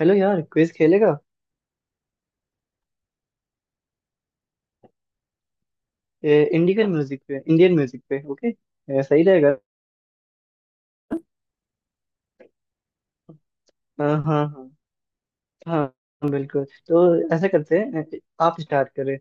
Hello यार, quiz खेलेगा? Indian music पे, इंडियन म्यूजिक पे। ओके। सही रहेगा। हाँ हाँ। हाँ बिल्कुल। तो ऐसा करते हैं, आप स्टार्ट करें।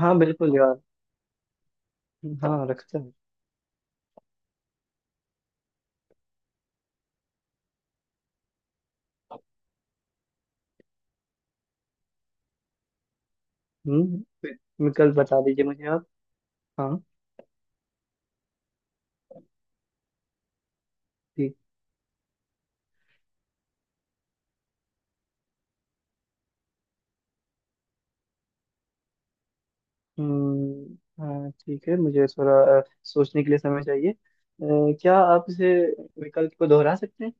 हाँ बिल्कुल यार। हाँ रखते हैं। हम्म। विकल्प बता दीजिए मुझे आप। हाँ। ठीक। हम्म। हाँ ठीक है, मुझे थोड़ा सोचने के लिए समय चाहिए। क्या आप इसे विकल्प को दोहरा सकते हैं?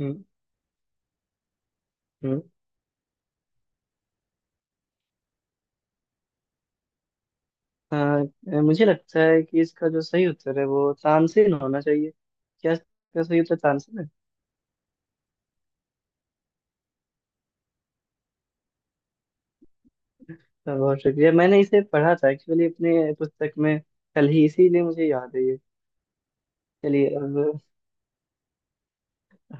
हम्म हम्म। हाँ, मुझे लगता है कि इसका जो सही उत्तर है वो तानसेन होना चाहिए। क्या इसका सही उत्तर तानसेन है? तो बहुत शुक्रिया। मैंने इसे पढ़ा था एक्चुअली अपने पुस्तक में कल ही, इसीलिए मुझे याद है ये। चलिए अब।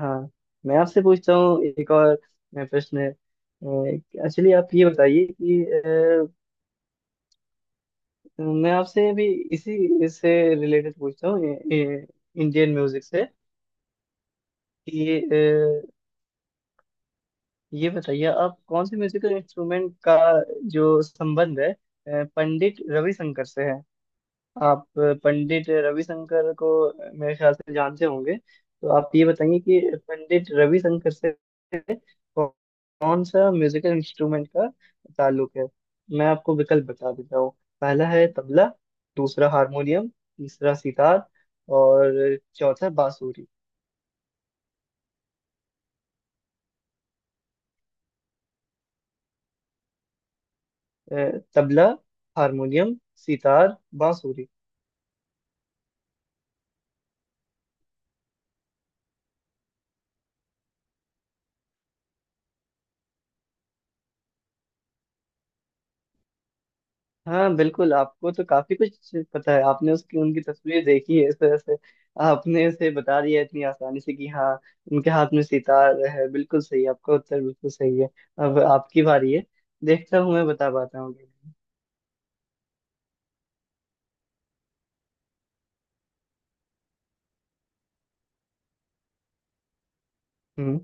हाँ, मैं आपसे पूछता हूँ एक और प्रश्न है। एक्चुअली आप ये बताइए कि मैं आपसे अभी इसी इससे रिलेटेड पूछता हूँ, इंडियन म्यूजिक से। कि ये बताइए, आप कौन से म्यूजिकल इंस्ट्रूमेंट का जो संबंध है पंडित रविशंकर से है। आप पंडित रविशंकर को मेरे ख्याल से जानते होंगे, तो आप ये बताइए कि पंडित रविशंकर से कौ- कौन सा म्यूजिकल इंस्ट्रूमेंट का ताल्लुक है। मैं आपको विकल्प बता देता हूँ। पहला है तबला। दूसरा हारमोनियम। तीसरा सितार। और चौथा बांसुरी। अ, तबला, हारमोनियम, सितार, बांसुरी। हाँ बिल्कुल, आपको तो काफी कुछ पता है। आपने उसकी उनकी तस्वीर देखी है, इस वजह से आपने उसे बता दिया इतनी आसानी से कि हाँ, उनके हाथ में सितार है। बिल्कुल सही आपका उत्तर, बिल्कुल सही है। अब आपकी बारी है। देखता हूँ मैं बता पाता हूँ कि नहीं। हम्म।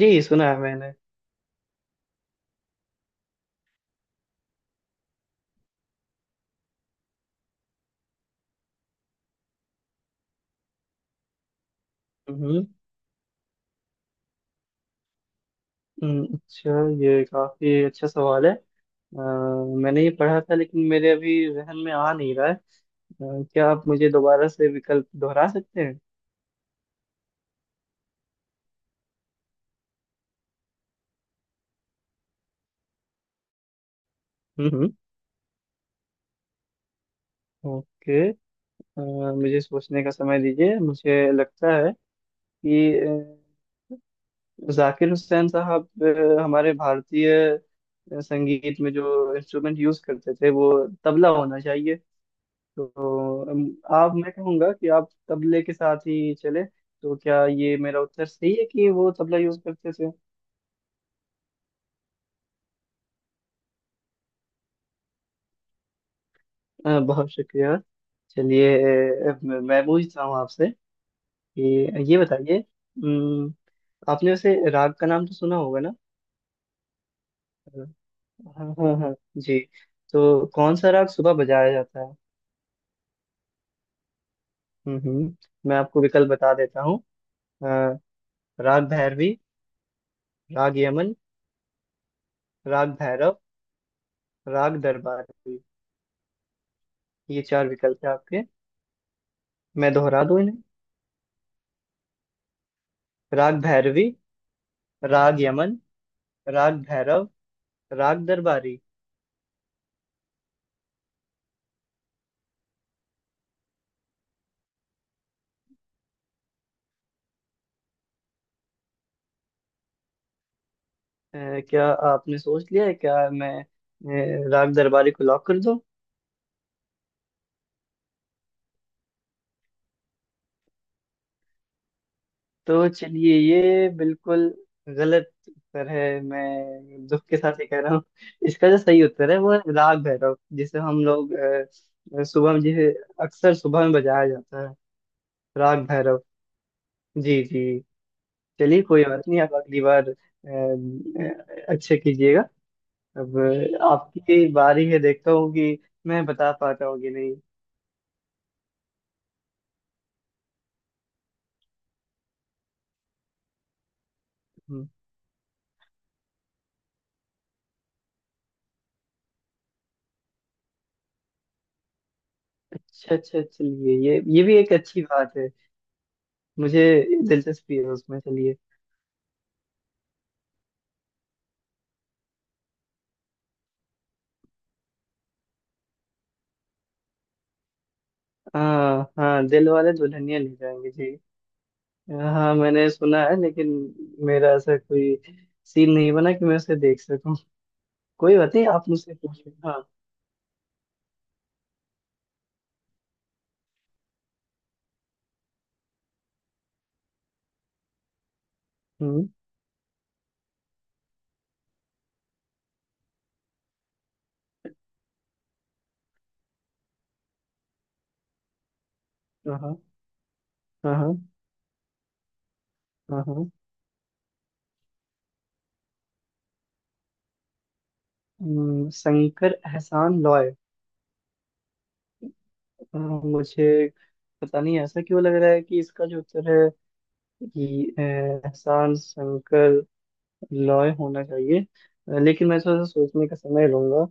जी, सुना है मैंने। हम्म अच्छा। ये काफी अच्छा सवाल है। अ, मैंने ये पढ़ा था लेकिन मेरे अभी जहन में आ नहीं रहा है। क्या आप मुझे दोबारा से विकल्प दोहरा सकते हैं? हम्म हम्म, ओके। मुझे सोचने का समय दीजिए। मुझे लगता है कि जाकिर हुसैन साहब हमारे भारतीय संगीत में जो इंस्ट्रूमेंट यूज करते थे वो तबला होना चाहिए। तो आप, मैं कहूँगा कि आप तबले के साथ ही चले, तो क्या ये मेरा उत्तर सही है कि वो तबला यूज करते थे? बहुत शुक्रिया। चलिए, मैं पूछता हूँ आपसे कि ये बताइए, आपने वैसे राग का नाम तो सुना होगा ना? हाँ हाँ हाँ जी। तो कौन सा राग सुबह बजाया जाता है? हम्म हम्म, मैं आपको विकल्प बता देता हूँ। अ, राग भैरवी, राग यमन, राग भैरव, राग दरबारी। ये चार विकल्प है आपके। मैं दोहरा दूं इन्हें। राग भैरवी, राग यमन, राग भैरव, राग दरबारी। अ, क्या आपने सोच लिया है? क्या मैं राग दरबारी को लॉक कर... तो चलिए, ये बिल्कुल गलत उत्तर है। मैं दुख के साथ ही कह रहा हूँ। इसका जो सही उत्तर है वो है राग भैरव, जिसे हम लोग सुबह में, जिसे अक्सर सुबह में बजाया जाता है। राग भैरव। जी जी। चलिए कोई बात नहीं, आप अगली बार अच्छे कीजिएगा। अब आपकी बारी है, देखता हूँ कि मैं बता पाता हूँ कि नहीं। हम्म, अच्छा अच्छा चलिए, ये भी एक अच्छी बात है। मुझे दिलचस्पी है उसमें, चलिए। हाँ हाँ, दिल वाले दुल्हनिया ले जाएंगे जी। हाँ, मैंने सुना है लेकिन मेरा ऐसा कोई सीन नहीं बना कि मैं उसे देख सकूं। कोई बात नहीं, आप मुझसे पूछिए। हाँ। हम्म। हाँ हाँ हाँ हाँ हाँ। शंकर एहसान लॉय। मुझे पता नहीं ऐसा क्यों लग रहा है कि इसका जो उत्तर है कि एहसान शंकर लॉय होना चाहिए। लेकिन मैं थोड़ा सा सोचने का समय लूंगा।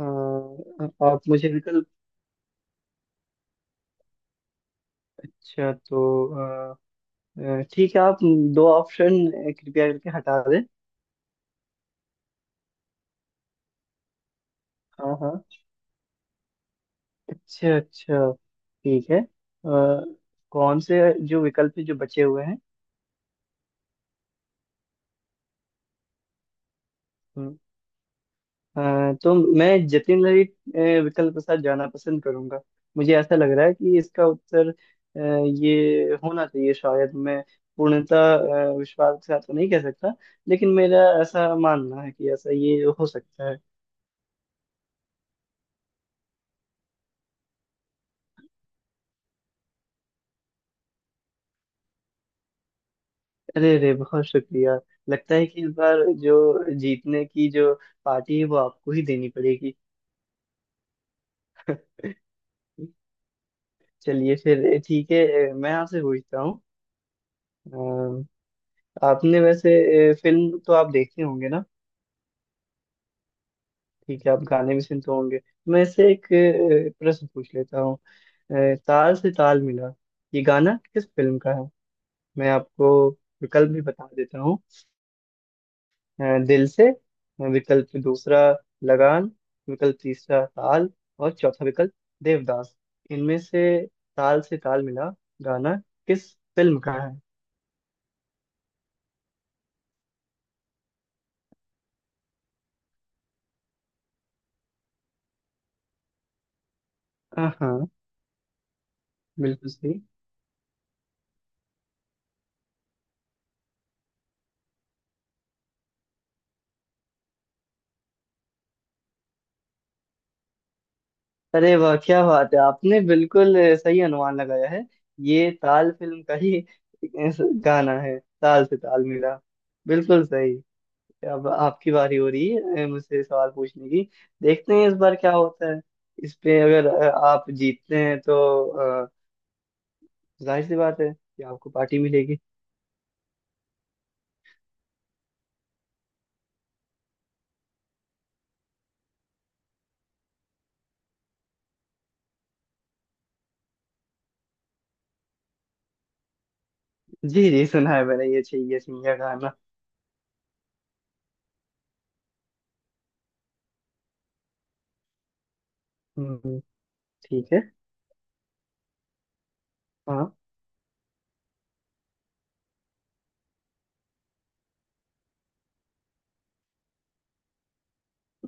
अ, आप मुझे विकल्प... अच्छा, तो ठीक है, आप दो ऑप्शन कृपया करके हटा दें। हाँ हाँ, अच्छा अच्छा, ठीक है। कौन से जो विकल्प है जो बचे हुए हैं? हम्म, तो मैं जतिन ललित विकल्प के साथ जाना पसंद करूंगा। मुझे ऐसा लग रहा है कि इसका उत्तर ये होना चाहिए। शायद मैं पूर्णतः विश्वास के साथ तो नहीं कह सकता लेकिन मेरा ऐसा मानना है कि ऐसा ये हो सकता है। अरे अरे, बहुत शुक्रिया। लगता है कि इस बार जो जीतने की जो पार्टी है वो आपको ही देनी पड़ेगी। चलिए फिर ठीक है। मैं आपसे पूछता हूँ। अ, आपने वैसे फिल्म तो आप देखते होंगे ना? ठीक है, आप गाने भी सुनते होंगे। मैं इससे एक प्रश्न पूछ लेता हूँ। ताल से ताल मिला, ये गाना किस फिल्म का है? मैं आपको विकल्प भी बता देता हूँ। दिल से। विकल्प दूसरा लगान। विकल्प तीसरा ताल। और चौथा विकल्प देवदास। इनमें से ताल मिला गाना किस फिल्म का है? हाँ हाँ, बिल्कुल सही। अरे वाह क्या बात है, आपने बिल्कुल सही अनुमान लगाया है। ये ताल फिल्म का ही गाना है, ताल से ताल मिला। बिल्कुल सही। अब आपकी बारी हो रही है मुझसे सवाल पूछने की। देखते हैं इस बार क्या होता है। इस पे अगर आप जीतते हैं तो जाहिर सी बात है कि आपको पार्टी मिलेगी। जी जी, सुना है मैंने ये, चाहिए सिंघिया गाना। हम्म, ठीक है। हाँ।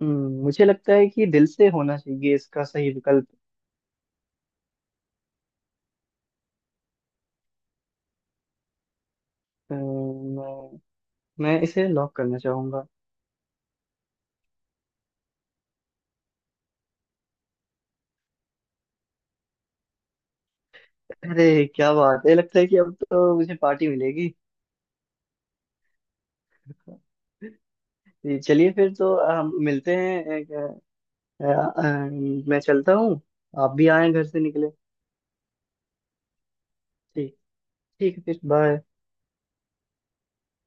मुझे लगता है कि दिल से होना चाहिए इसका सही विकल्प। अम्म, मैं मैं इसे लॉक करना चाहूंगा। अरे क्या बात है, लगता है कि अब तो मुझे पार्टी मिलेगी। जी, चलिए फिर तो हम मिलते हैं। अ, अ, मैं चलता हूँ, आप भी आए, घर से निकले। ठीक, ठीक है फिर। बाय।